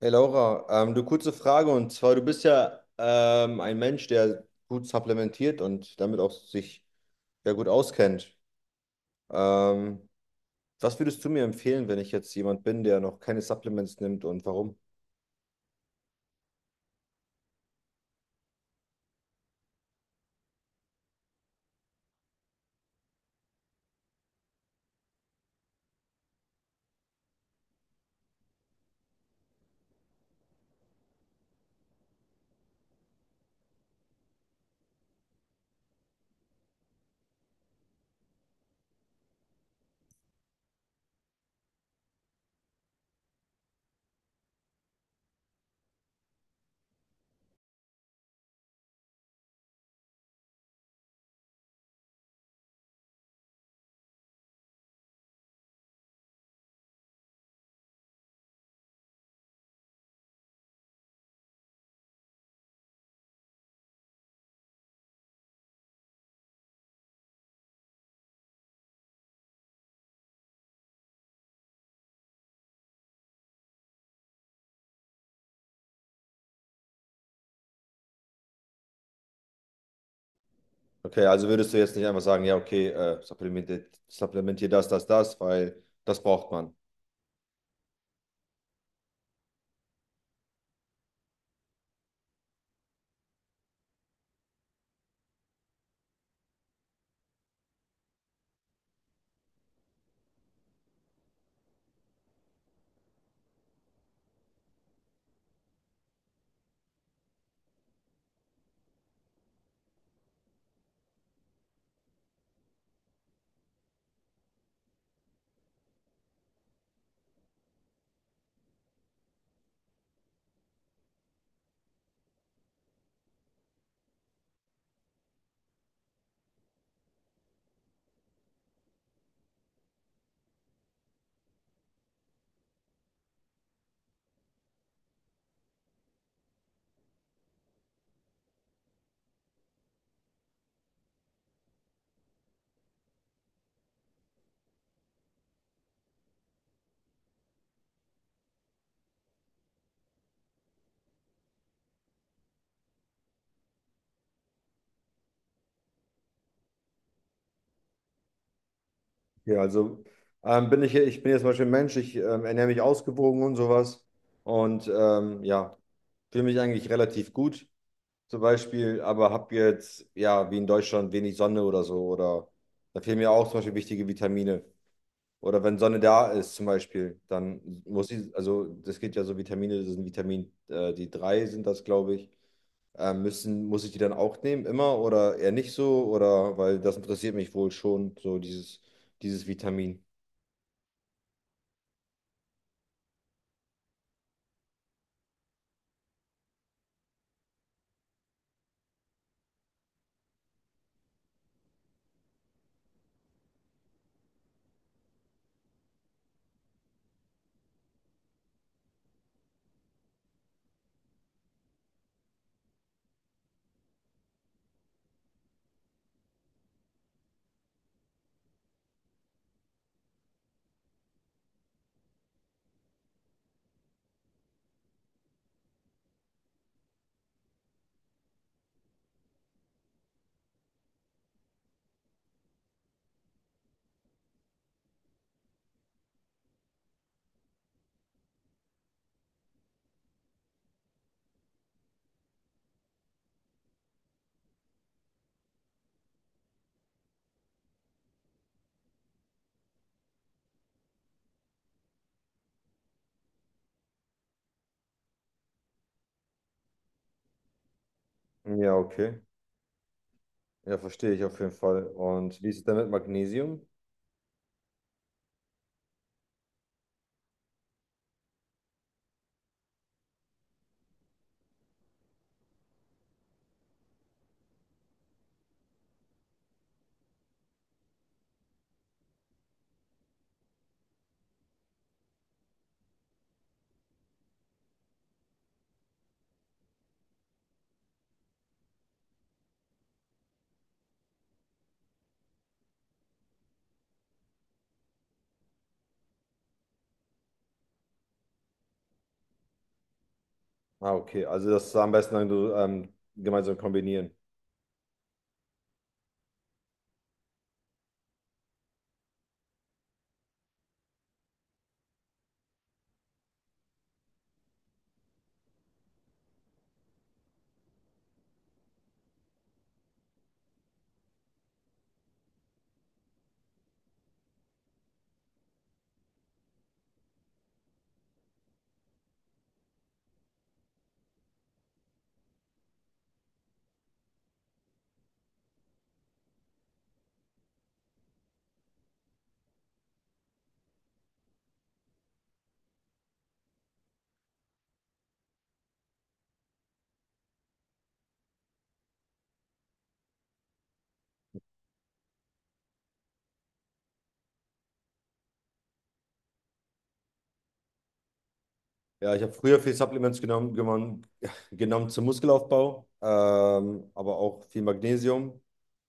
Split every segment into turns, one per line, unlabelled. Hey Laura, du kurze Frage und zwar, du bist ja ein Mensch, der gut supplementiert und damit auch sich ja gut auskennt. Ähm, Was würdest du mir empfehlen, wenn ich jetzt jemand bin, der noch keine Supplements nimmt und warum? Okay, also würdest du jetzt nicht einfach sagen, ja, okay, supplementiert, supplementier das, das, das, weil das braucht man. Okay, also ich bin jetzt zum Beispiel ein Mensch, ich ernähre mich ausgewogen und sowas und ja, fühle mich eigentlich relativ gut. Zum Beispiel, aber habe jetzt, ja, wie in Deutschland, wenig Sonne oder so. Oder da fehlen mir auch zum Beispiel wichtige Vitamine. Oder wenn Sonne da ist, zum Beispiel, dann muss ich, also das geht ja so Vitamine, das sind Vitamin, die drei sind das, glaube ich. Muss ich die dann auch nehmen, immer oder eher nicht so? Oder weil das interessiert mich wohl schon, so dieses, dieses Vitamin. Ja, okay. Ja, verstehe ich auf jeden Fall. Und wie ist es denn mit Magnesium? Ah, okay. Also das am besten dann so, gemeinsam kombinieren. Ja, ich habe früher viel Supplements genommen, genommen zum Muskelaufbau, aber auch viel Magnesium,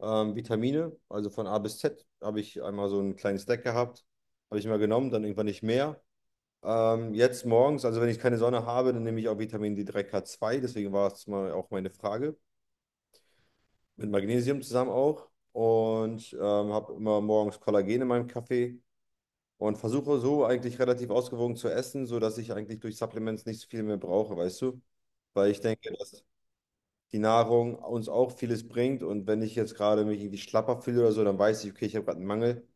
Vitamine, also von A bis Z habe ich einmal so einen kleinen Stack gehabt, habe ich mal genommen, dann irgendwann nicht mehr. Jetzt morgens, also wenn ich keine Sonne habe, dann nehme ich auch Vitamin D3K2, deswegen war es mal auch meine Frage, mit Magnesium zusammen auch und habe immer morgens Kollagen in meinem Kaffee und versuche so eigentlich relativ ausgewogen zu essen, sodass ich eigentlich durch Supplements nicht so viel mehr brauche, weißt du? Weil ich denke, dass die Nahrung uns auch vieles bringt, und wenn ich jetzt gerade mich irgendwie schlapper fühle oder so, dann weiß ich, okay, ich habe gerade einen Mangel.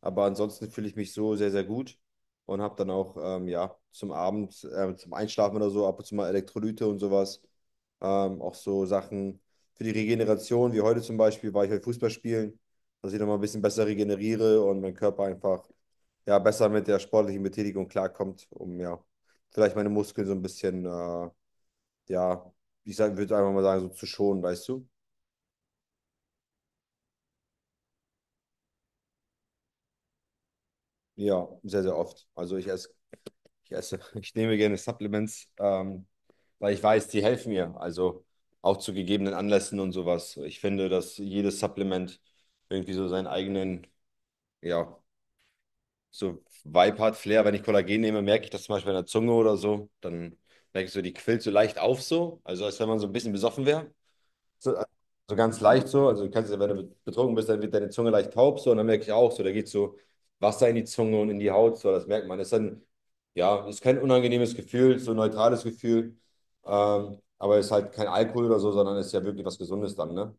Aber ansonsten fühle ich mich so sehr, sehr gut und habe dann auch ja, zum Abend, zum Einschlafen oder so ab und zu mal Elektrolyte und sowas. Auch so Sachen für die Regeneration, wie heute zum Beispiel, war ich heute Fußball spielen, dass ich nochmal ein bisschen besser regeneriere und mein Körper einfach ja, besser mit der sportlichen Betätigung klarkommt, um ja, vielleicht meine Muskeln so ein bisschen, ja, ich würde einfach mal sagen, so zu schonen, weißt du? Ja, sehr, sehr oft. Also ich esse, ich nehme gerne Supplements, weil ich weiß, die helfen mir. Also auch zu gegebenen Anlässen und sowas. Ich finde, dass jedes Supplement irgendwie so seinen eigenen, ja, so Vibe hat, Flair. Wenn ich Kollagen nehme, merke ich das zum Beispiel an der Zunge oder so. Dann merke ich so, die quillt so leicht auf so. Also als wenn man so ein bisschen besoffen wäre. So, so ganz leicht so. Also du kannst ja, wenn du betrunken bist, dann wird deine Zunge leicht taub so, und dann merke ich auch so, da geht so Wasser in die Zunge und in die Haut so, das merkt man. Das ist dann, ja, ist kein unangenehmes Gefühl, so ein neutrales Gefühl. Aber ist halt kein Alkohol oder so, sondern ist ja wirklich was Gesundes dann, ne?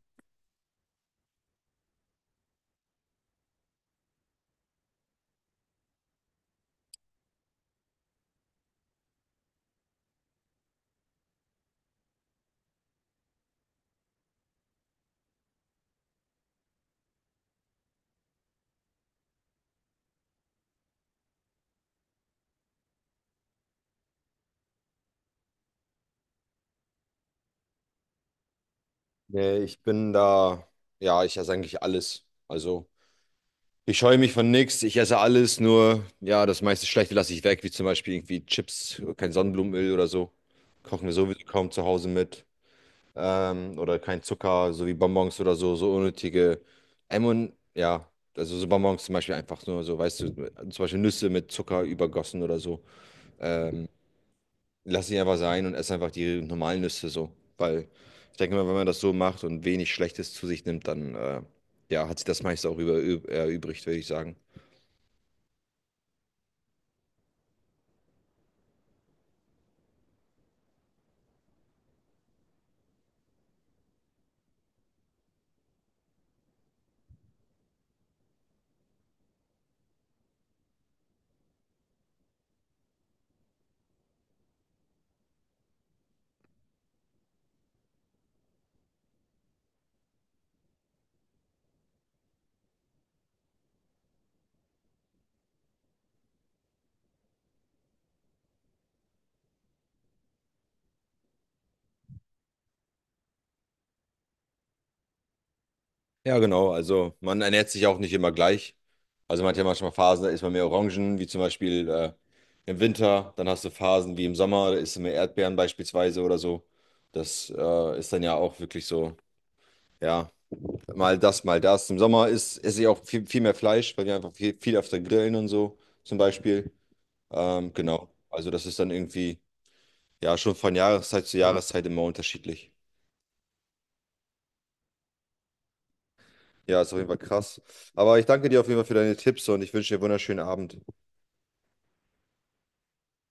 Nee, ich bin da, ja, ich esse eigentlich alles. Also ich scheue mich von nichts, ich esse alles, nur ja, das meiste Schlechte lasse ich weg, wie zum Beispiel irgendwie Chips, kein Sonnenblumenöl oder so. Kochen wir sowieso kaum zu Hause mit. Ähm, oder kein Zucker, so wie Bonbons oder so, so unnötige M ja, also so Bonbons zum Beispiel einfach nur so, weißt du, zum Beispiel Nüsse mit Zucker übergossen oder so. Ähm, Lass sie einfach sein und ess einfach die normalen Nüsse so, weil ich denke mal, wenn man das so macht und wenig Schlechtes zu sich nimmt, dann ja, hat sich das meiste auch erübrigt, würde ich sagen. Ja, genau, also man ernährt sich auch nicht immer gleich. Also man hat ja manchmal Phasen, da isst man mehr Orangen, wie zum Beispiel im Winter. Dann hast du Phasen wie im Sommer, da isst du mehr Erdbeeren beispielsweise oder so. Das ist dann ja auch wirklich so, ja, mal das, mal das. Im Sommer ist, esse ich auch viel, viel mehr Fleisch, weil wir einfach viel, viel öfter grillen und so zum Beispiel. Genau. Also das ist dann irgendwie, ja, schon von Jahreszeit zu Jahreszeit immer unterschiedlich. Ja, ist auf jeden Fall krass. Aber ich danke dir auf jeden Fall für deine Tipps und ich wünsche dir einen wunderschönen Abend.